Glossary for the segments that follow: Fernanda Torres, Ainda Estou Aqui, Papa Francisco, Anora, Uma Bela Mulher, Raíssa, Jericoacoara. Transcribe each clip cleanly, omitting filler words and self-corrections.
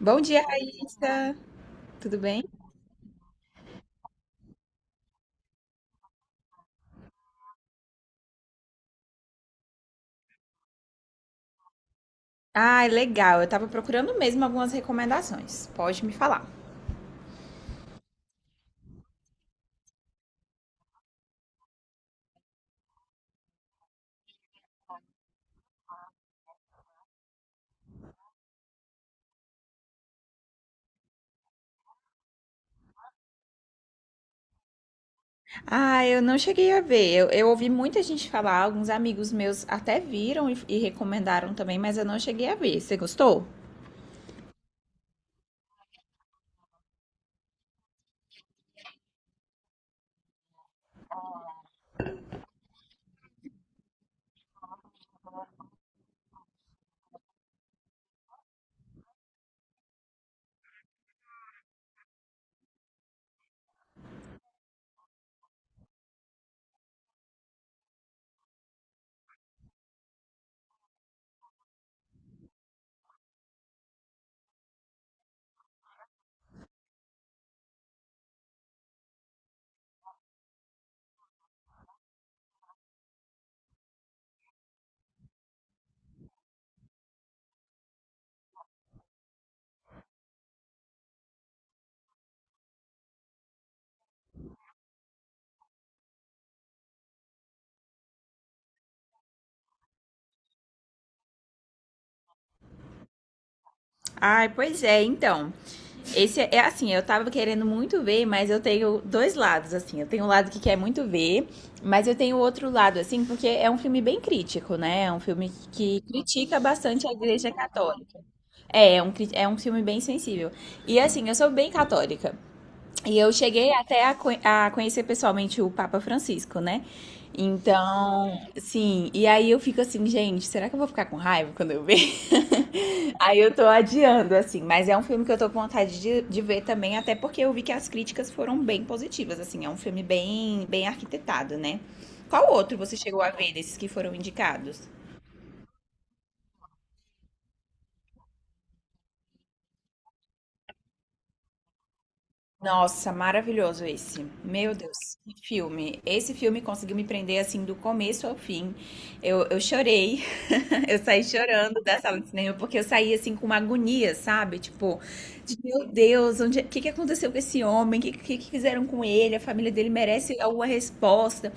Bom dia, Raíssa. Tudo bem? Ah, legal. Eu tava procurando mesmo algumas recomendações. Pode me falar. Ah, eu não cheguei a ver. Eu ouvi muita gente falar, alguns amigos meus até viram e recomendaram também, mas eu não cheguei a ver. Você gostou? Ai, pois é, então. Esse é assim, eu tava querendo muito ver, mas eu tenho dois lados, assim. Eu tenho um lado que quer muito ver, mas eu tenho outro lado, assim, porque é um filme bem crítico, né? É um filme que critica bastante a Igreja Católica. É um filme bem sensível. E assim, eu sou bem católica. E eu cheguei até a conhecer pessoalmente o Papa Francisco, né? Então, sim. E aí eu fico assim, gente, será que eu vou ficar com raiva quando eu ver? Aí eu tô adiando, assim. Mas é um filme que eu tô com vontade de ver também, até porque eu vi que as críticas foram bem positivas, assim. É um filme bem, bem arquitetado, né? Qual outro você chegou a ver desses que foram indicados? Nossa, maravilhoso esse. Meu Deus, que filme. Esse filme conseguiu me prender assim do começo ao fim. Eu chorei. Eu saí chorando da sala de cinema, porque eu saí assim com uma agonia, sabe? Tipo, de, meu Deus, onde, o que aconteceu com esse homem? O que fizeram com ele? A família dele merece alguma resposta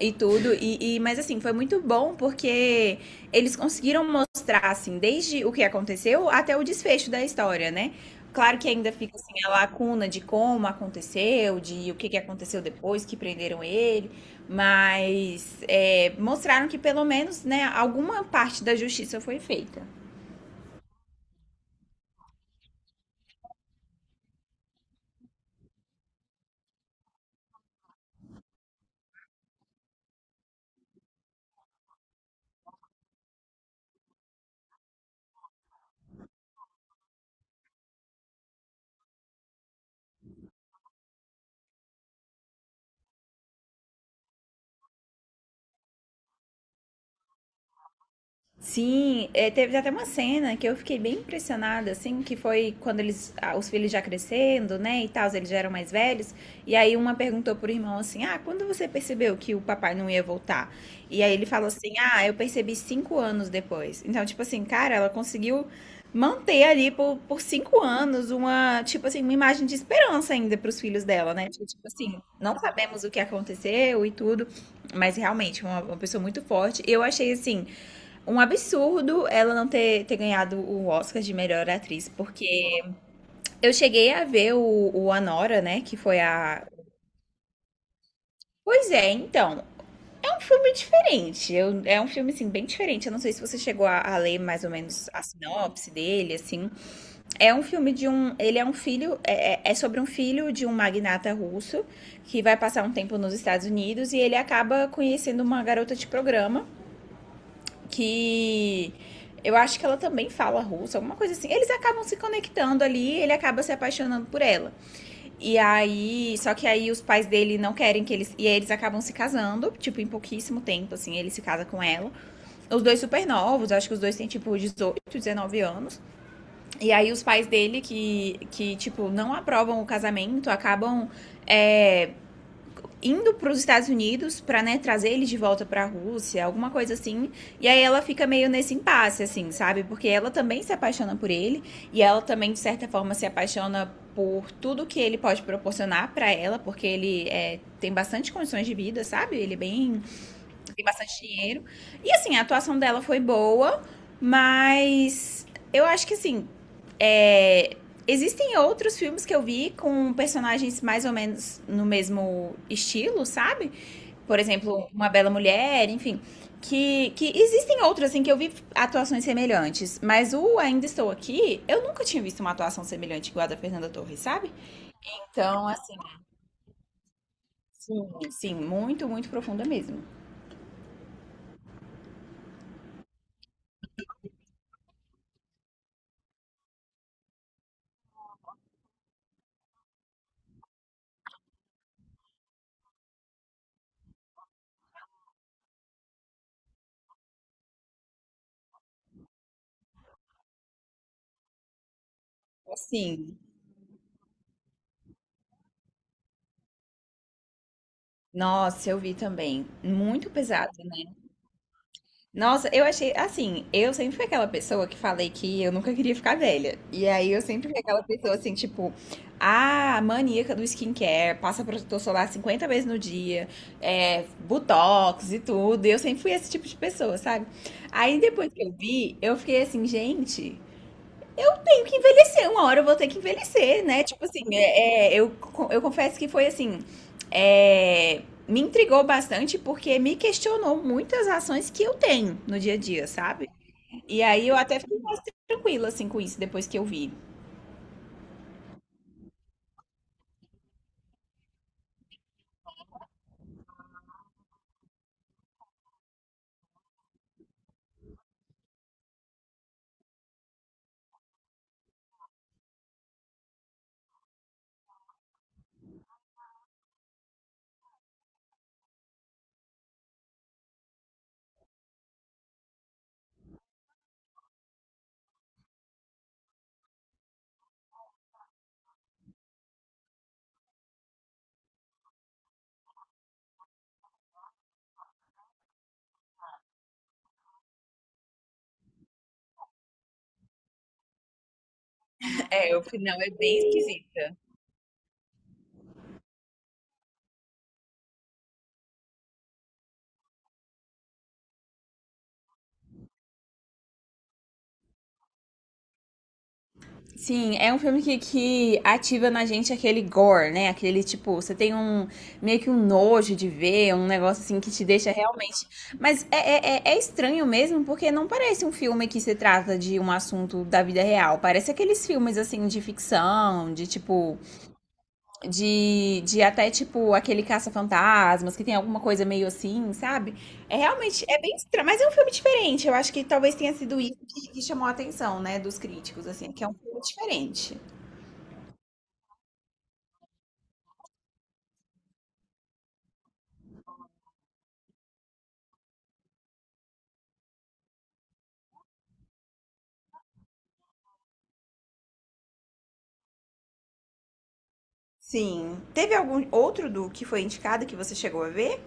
e tudo. Mas assim, foi muito bom porque eles conseguiram mostrar, assim, desde o que aconteceu até o desfecho da história, né? Claro que ainda fica assim a lacuna de como aconteceu, de o que aconteceu depois que prenderam ele, mas é, mostraram que pelo menos, né, alguma parte da justiça foi feita. Sim, é, teve até uma cena que eu fiquei bem impressionada, assim, que foi quando eles, ah, os filhos já crescendo, né, e tal, eles já eram mais velhos, e aí uma perguntou pro irmão assim, ah, quando você percebeu que o papai não ia voltar? E aí ele falou assim, ah, eu percebi 5 anos depois. Então, tipo assim, cara, ela conseguiu manter ali por 5 anos uma, tipo assim, uma imagem de esperança ainda pros filhos dela, né? Tipo assim, não sabemos o que aconteceu e tudo, mas realmente, uma pessoa muito forte. Eu achei, assim, um absurdo ela não ter ganhado o Oscar de melhor atriz, porque eu cheguei a ver o Anora, né? Que foi a. Pois é, então. É um filme diferente. Eu, é um filme, assim, bem diferente. Eu não sei se você chegou a ler mais ou menos a sinopse dele, assim. É um filme de um. Ele é um filho. É sobre um filho de um magnata russo que vai passar um tempo nos Estados Unidos e ele acaba conhecendo uma garota de programa que eu acho que ela também fala russo, alguma coisa assim. Eles acabam se conectando ali, ele acaba se apaixonando por ela. E aí, só que aí os pais dele não querem que eles, e aí eles acabam se casando, tipo em pouquíssimo tempo assim, ele se casa com ela. Os dois super novos, acho que os dois têm tipo 18 19 anos. E aí os pais dele que tipo não aprovam o casamento, acabam é, indo para os Estados Unidos para, né, trazer ele de volta para a Rússia, alguma coisa assim. E aí ela fica meio nesse impasse, assim, sabe? Porque ela também se apaixona por ele e ela também de certa forma se apaixona por tudo que ele pode proporcionar para ela, porque ele é, tem bastante condições de vida, sabe? Ele é bem, tem bastante dinheiro. E assim, a atuação dela foi boa, mas eu acho que assim. É. Existem outros filmes que eu vi com personagens mais ou menos no mesmo estilo, sabe? Por exemplo, Uma Bela Mulher, enfim. Que existem outros, assim, que eu vi atuações semelhantes. Mas o Ainda Estou Aqui, eu nunca tinha visto uma atuação semelhante igual a da Fernanda Torres, sabe? Então, assim, sim, sim muito, muito profunda mesmo. Assim, nossa, eu vi também. Muito pesado, né? Nossa, eu achei assim, eu sempre fui aquela pessoa que falei que eu nunca queria ficar velha. E aí eu sempre fui aquela pessoa assim, tipo, ah, maníaca do skincare, passa protetor solar 50 vezes no dia, é, botox e tudo. E eu sempre fui esse tipo de pessoa, sabe? Aí depois que eu vi, eu fiquei assim, gente, eu tenho que envelhecer, uma hora eu vou ter que envelhecer, né? Tipo assim, eu confesso que foi assim. É, me intrigou bastante porque me questionou muitas ações que eu tenho no dia a dia, sabe? E aí eu até fiquei mais tranquila assim com isso depois que eu vi. É, eu fui, não, é bem esquisita. Sim, é um filme que ativa na gente aquele gore, né? Aquele tipo, você tem um meio que um nojo de ver, um negócio assim que te deixa realmente. Mas é estranho mesmo, porque não parece um filme que se trata de um assunto da vida real. Parece aqueles filmes assim de ficção, de tipo. De até tipo aquele caça-fantasmas, que tem alguma coisa meio assim, sabe? É realmente, é bem estranho, mas é um filme diferente. Eu acho que talvez tenha sido isso que chamou a atenção, né, dos críticos, assim, é que é um filme diferente. Sim. Teve algum outro do que foi indicado que você chegou a ver?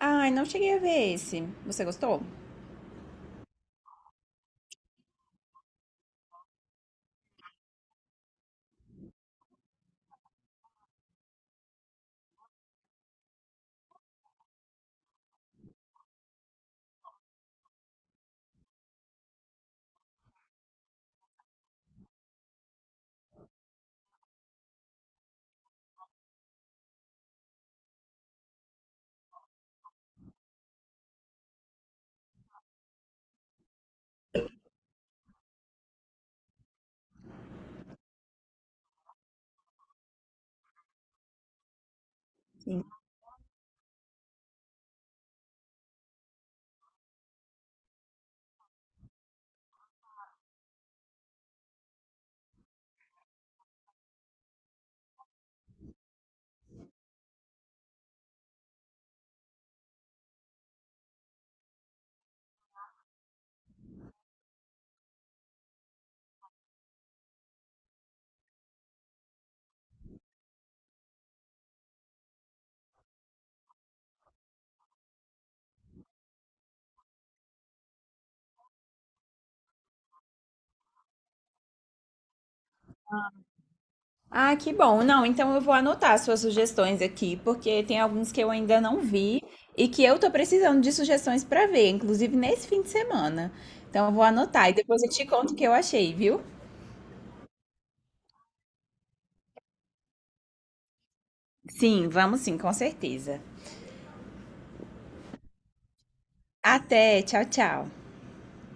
Ai, não cheguei a ver esse. Você gostou? Sim. Ah, que bom. Não, então eu vou anotar suas sugestões aqui, porque tem alguns que eu ainda não vi e que eu tô precisando de sugestões para ver, inclusive nesse fim de semana. Então eu vou anotar e depois eu te conto o que eu achei, viu? Sim, vamos sim, com certeza. Até, tchau, tchau.